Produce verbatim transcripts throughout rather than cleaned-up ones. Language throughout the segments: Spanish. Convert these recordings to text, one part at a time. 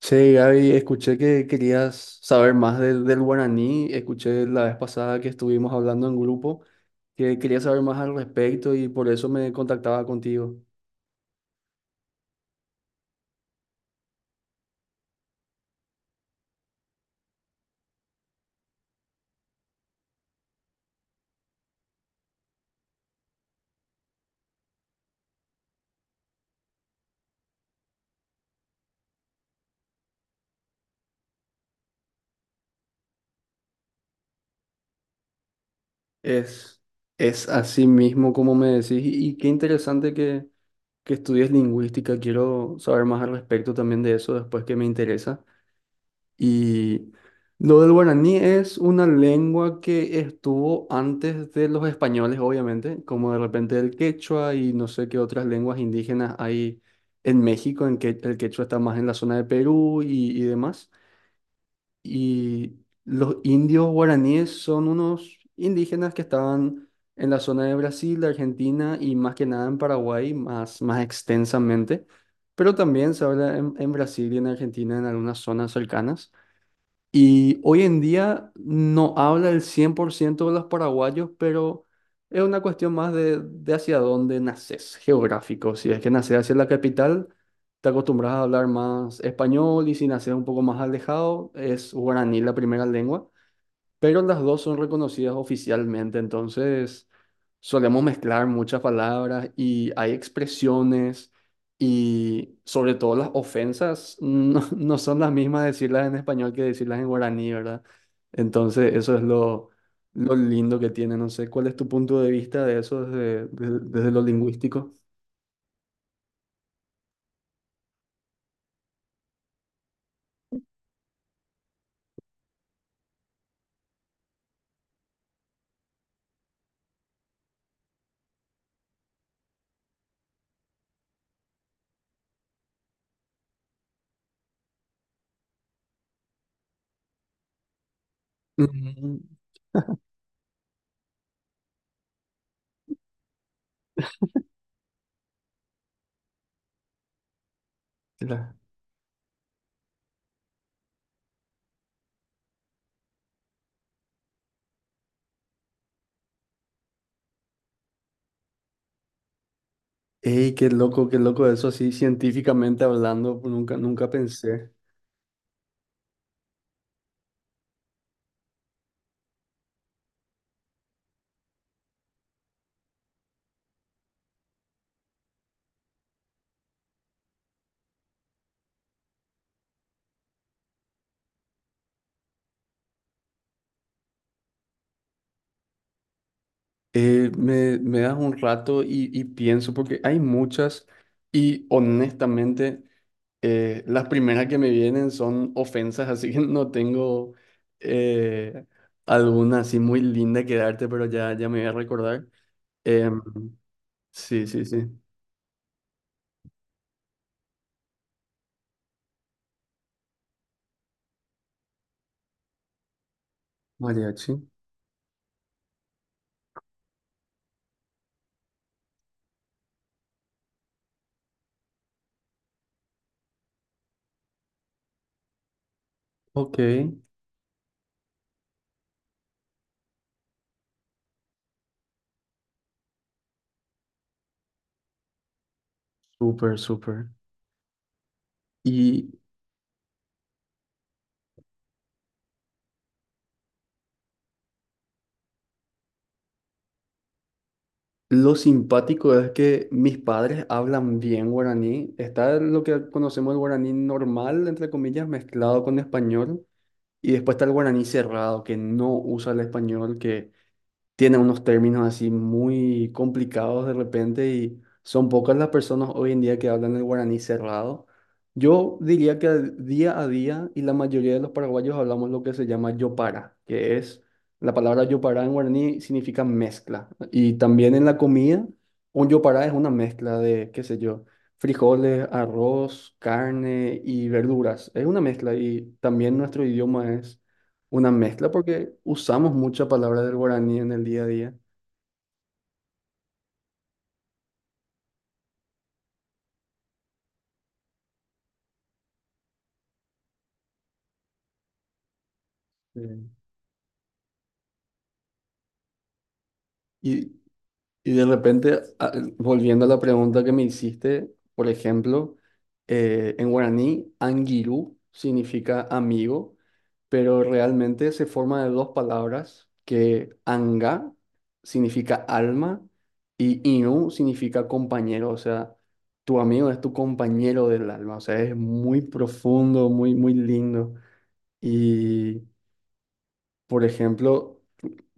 Che, Gaby, escuché que querías saber más del, del guaraní. Escuché la vez pasada que estuvimos hablando en grupo que querías saber más al respecto y por eso me contactaba contigo. Es, es así mismo como me decís y, y qué interesante que, que estudies lingüística. Quiero saber más al respecto también de eso después que me interesa. Y lo del guaraní es una lengua que estuvo antes de los españoles, obviamente, como de repente el quechua y no sé qué otras lenguas indígenas hay en México, en que el quechua está más en la zona de Perú y, y demás. Y los indios guaraníes son unos indígenas que estaban en la zona de Brasil, de Argentina y más que nada en Paraguay, más, más extensamente, pero también se habla en en Brasil y en Argentina en algunas zonas cercanas. Y hoy en día no habla el cien por ciento de los paraguayos, pero es una cuestión más de, de hacia dónde naces, geográfico. Si es que naces hacia la capital, te acostumbras a hablar más español y si naces un poco más alejado, es guaraní la primera lengua, pero las dos son reconocidas oficialmente, entonces solemos mezclar muchas palabras y hay expresiones y sobre todo las ofensas, no, no son las mismas decirlas en español que decirlas en guaraní, ¿verdad? Entonces eso es lo, lo lindo que tiene, no sé, ¿cuál es tu punto de vista de eso desde, desde, desde lo lingüístico? Mm, la- Ey, qué loco, qué loco eso, así científicamente hablando, nunca, nunca pensé. Eh, me, me das un rato y, y pienso, porque hay muchas y honestamente eh, las primeras que me vienen son ofensas, así que no tengo eh, alguna así muy linda que darte, pero ya, ya me voy a recordar. Em, sí, sí, sí. Mariachi. Ok, súper, súper. Y lo simpático es que mis padres hablan bien guaraní. Está lo que conocemos el guaraní normal, entre comillas, mezclado con español. Y después está el guaraní cerrado, que no usa el español, que tiene unos términos así muy complicados de repente y son pocas las personas hoy en día que hablan el guaraní cerrado. Yo diría que día a día y la mayoría de los paraguayos hablamos lo que se llama yopara, que es la palabra yopara en guaraní significa mezcla. Y también en la comida, un yopara es una mezcla de, qué sé yo, frijoles, arroz, carne y verduras. Es una mezcla y también nuestro idioma es una mezcla porque usamos mucha palabra del guaraní en el día a día. Eh, Y, y de repente, a- volviendo a la pregunta que me hiciste, por ejemplo, eh, en guaraní, angiru significa amigo, pero realmente se forma de dos palabras, que anga significa alma y inu significa compañero, o sea, tu amigo es tu compañero del alma, o sea, es muy profundo, muy, muy lindo. Y por ejemplo,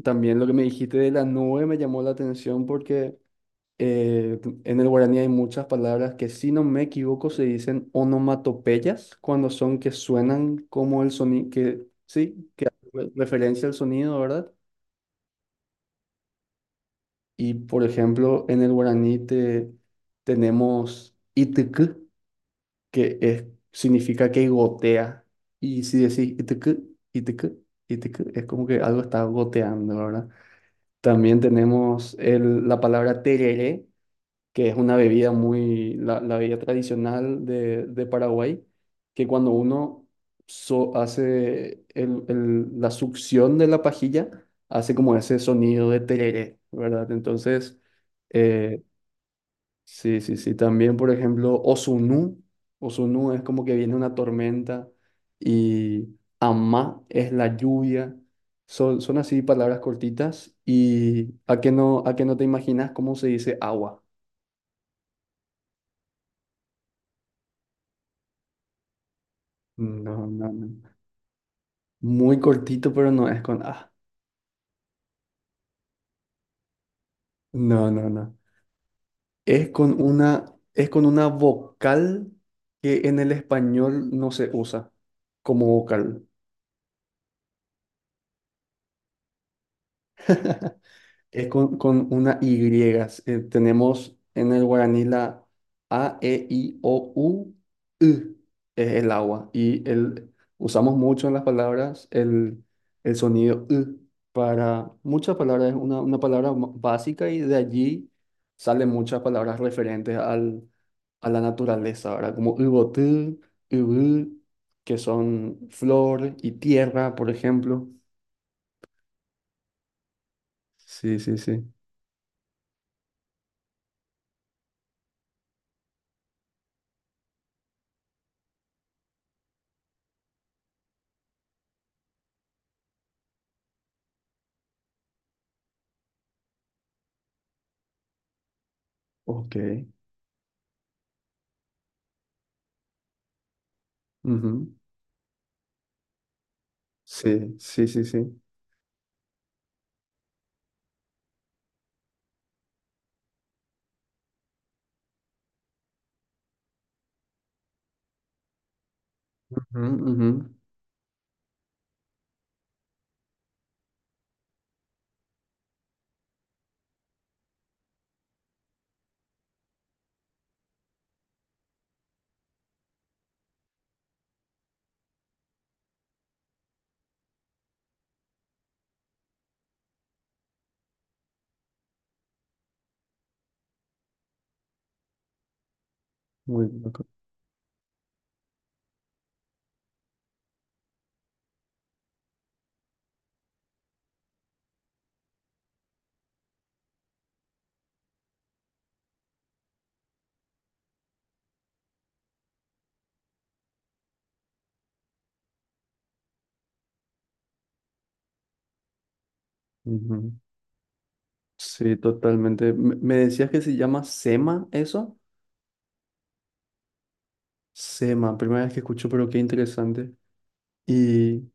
también lo que me dijiste de la nube me llamó la atención porque eh, en el guaraní hay muchas palabras que, si no me equivoco, se dicen onomatopeyas cuando son que suenan como el sonido, que sí, re- referencia al sonido, ¿verdad? Y por ejemplo, en el guaraní te, tenemos itk, que es, significa que gotea. Y si decís itk, itk, itk, es como que algo está goteando, ¿verdad? También tenemos el- la palabra tereré, que es una bebida muy, la, la bebida tradicional de, de Paraguay, que cuando uno so- hace el- el- la succión de la pajilla, hace como ese sonido de tereré, ¿verdad? Entonces, eh, sí, sí, sí. También, por ejemplo, Osunú. Osunú es como que viene una tormenta y Amá es la lluvia. Son, son así palabras cortitas. ¿Y a qué no, a qué no te imaginas cómo se dice agua? No, no, no. Muy cortito, pero no es con A. No, no, no. Es con una, es con una vocal que en el español no se usa como vocal. Es con, con una Y. Eh, tenemos en el guaraní la A, E, I, O, U, U. Es el agua. Y el, usamos mucho en las palabras el, el sonido U para muchas palabras. Es una, una palabra ma- básica y de allí salen muchas palabras referentes al, a la naturaleza, ¿verdad? Como Ubotú, Ubú, que son flor y tierra, por ejemplo. Sí, sí, sí. Ok. Ujú. Sí, sí, sí, sí. Ujú, ujú. Muy loco. Ujú. Sí, totalmente. Me me decías que se llama SEMA eso. SEMA, primera vez que escucho, pero qué interesante. Y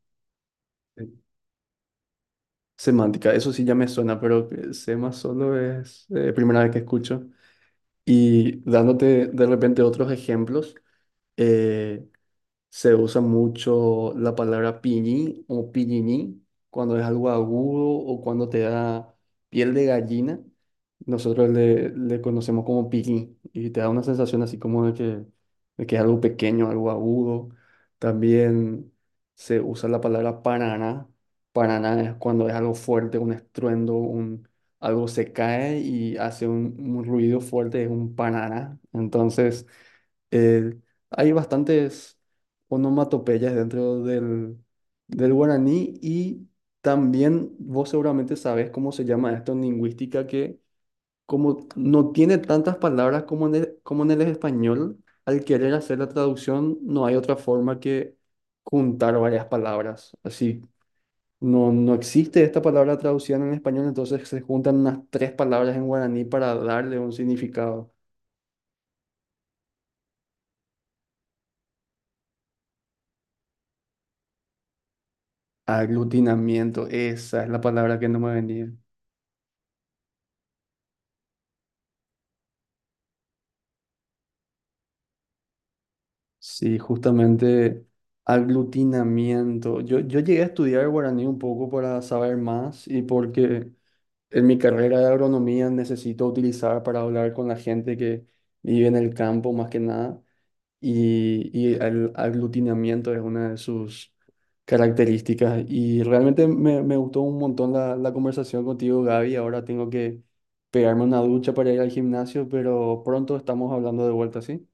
sí. Semántica, eso sí ya me suena, pero que SEMA solo es, eh, primera vez que escucho. Y dándote de repente otros ejemplos, eh, se usa mucho la palabra pillín o pillinín cuando es algo agudo o cuando te da piel de gallina. Nosotros le, le conocemos como pillín y te da una sensación así como de que, de que es algo pequeño, algo agudo. También se usa la palabra paraná. Paraná es cuando es algo fuerte, un estruendo, un, algo se cae y hace un, un ruido fuerte, es un paraná. Entonces… Eh, hay bastantes onomatopeyas dentro del, del guaraní y también vos seguramente sabes cómo se llama esto en lingüística, que como no tiene tantas palabras como en el, como en el español, al querer hacer la traducción no hay otra forma que juntar varias palabras. Así, no, no existe esta palabra traducida en español, entonces se juntan unas tres palabras en guaraní para darle un significado. Aglutinamiento, esa es la palabra que no me venía. Sí, justamente aglutinamiento. Yo, yo llegué a estudiar guaraní un poco para saber más y porque en mi carrera de agronomía necesito utilizar para hablar con la gente que vive en el campo más que nada. Y, y el aglutinamiento es una de sus características. Y realmente me, me gustó un montón la, la conversación contigo, Gaby. Ahora tengo que pegarme una ducha para ir al gimnasio, pero pronto estamos hablando de vuelta, ¿sí?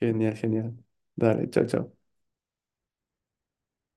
Genial, genial. Dale, chao, chao.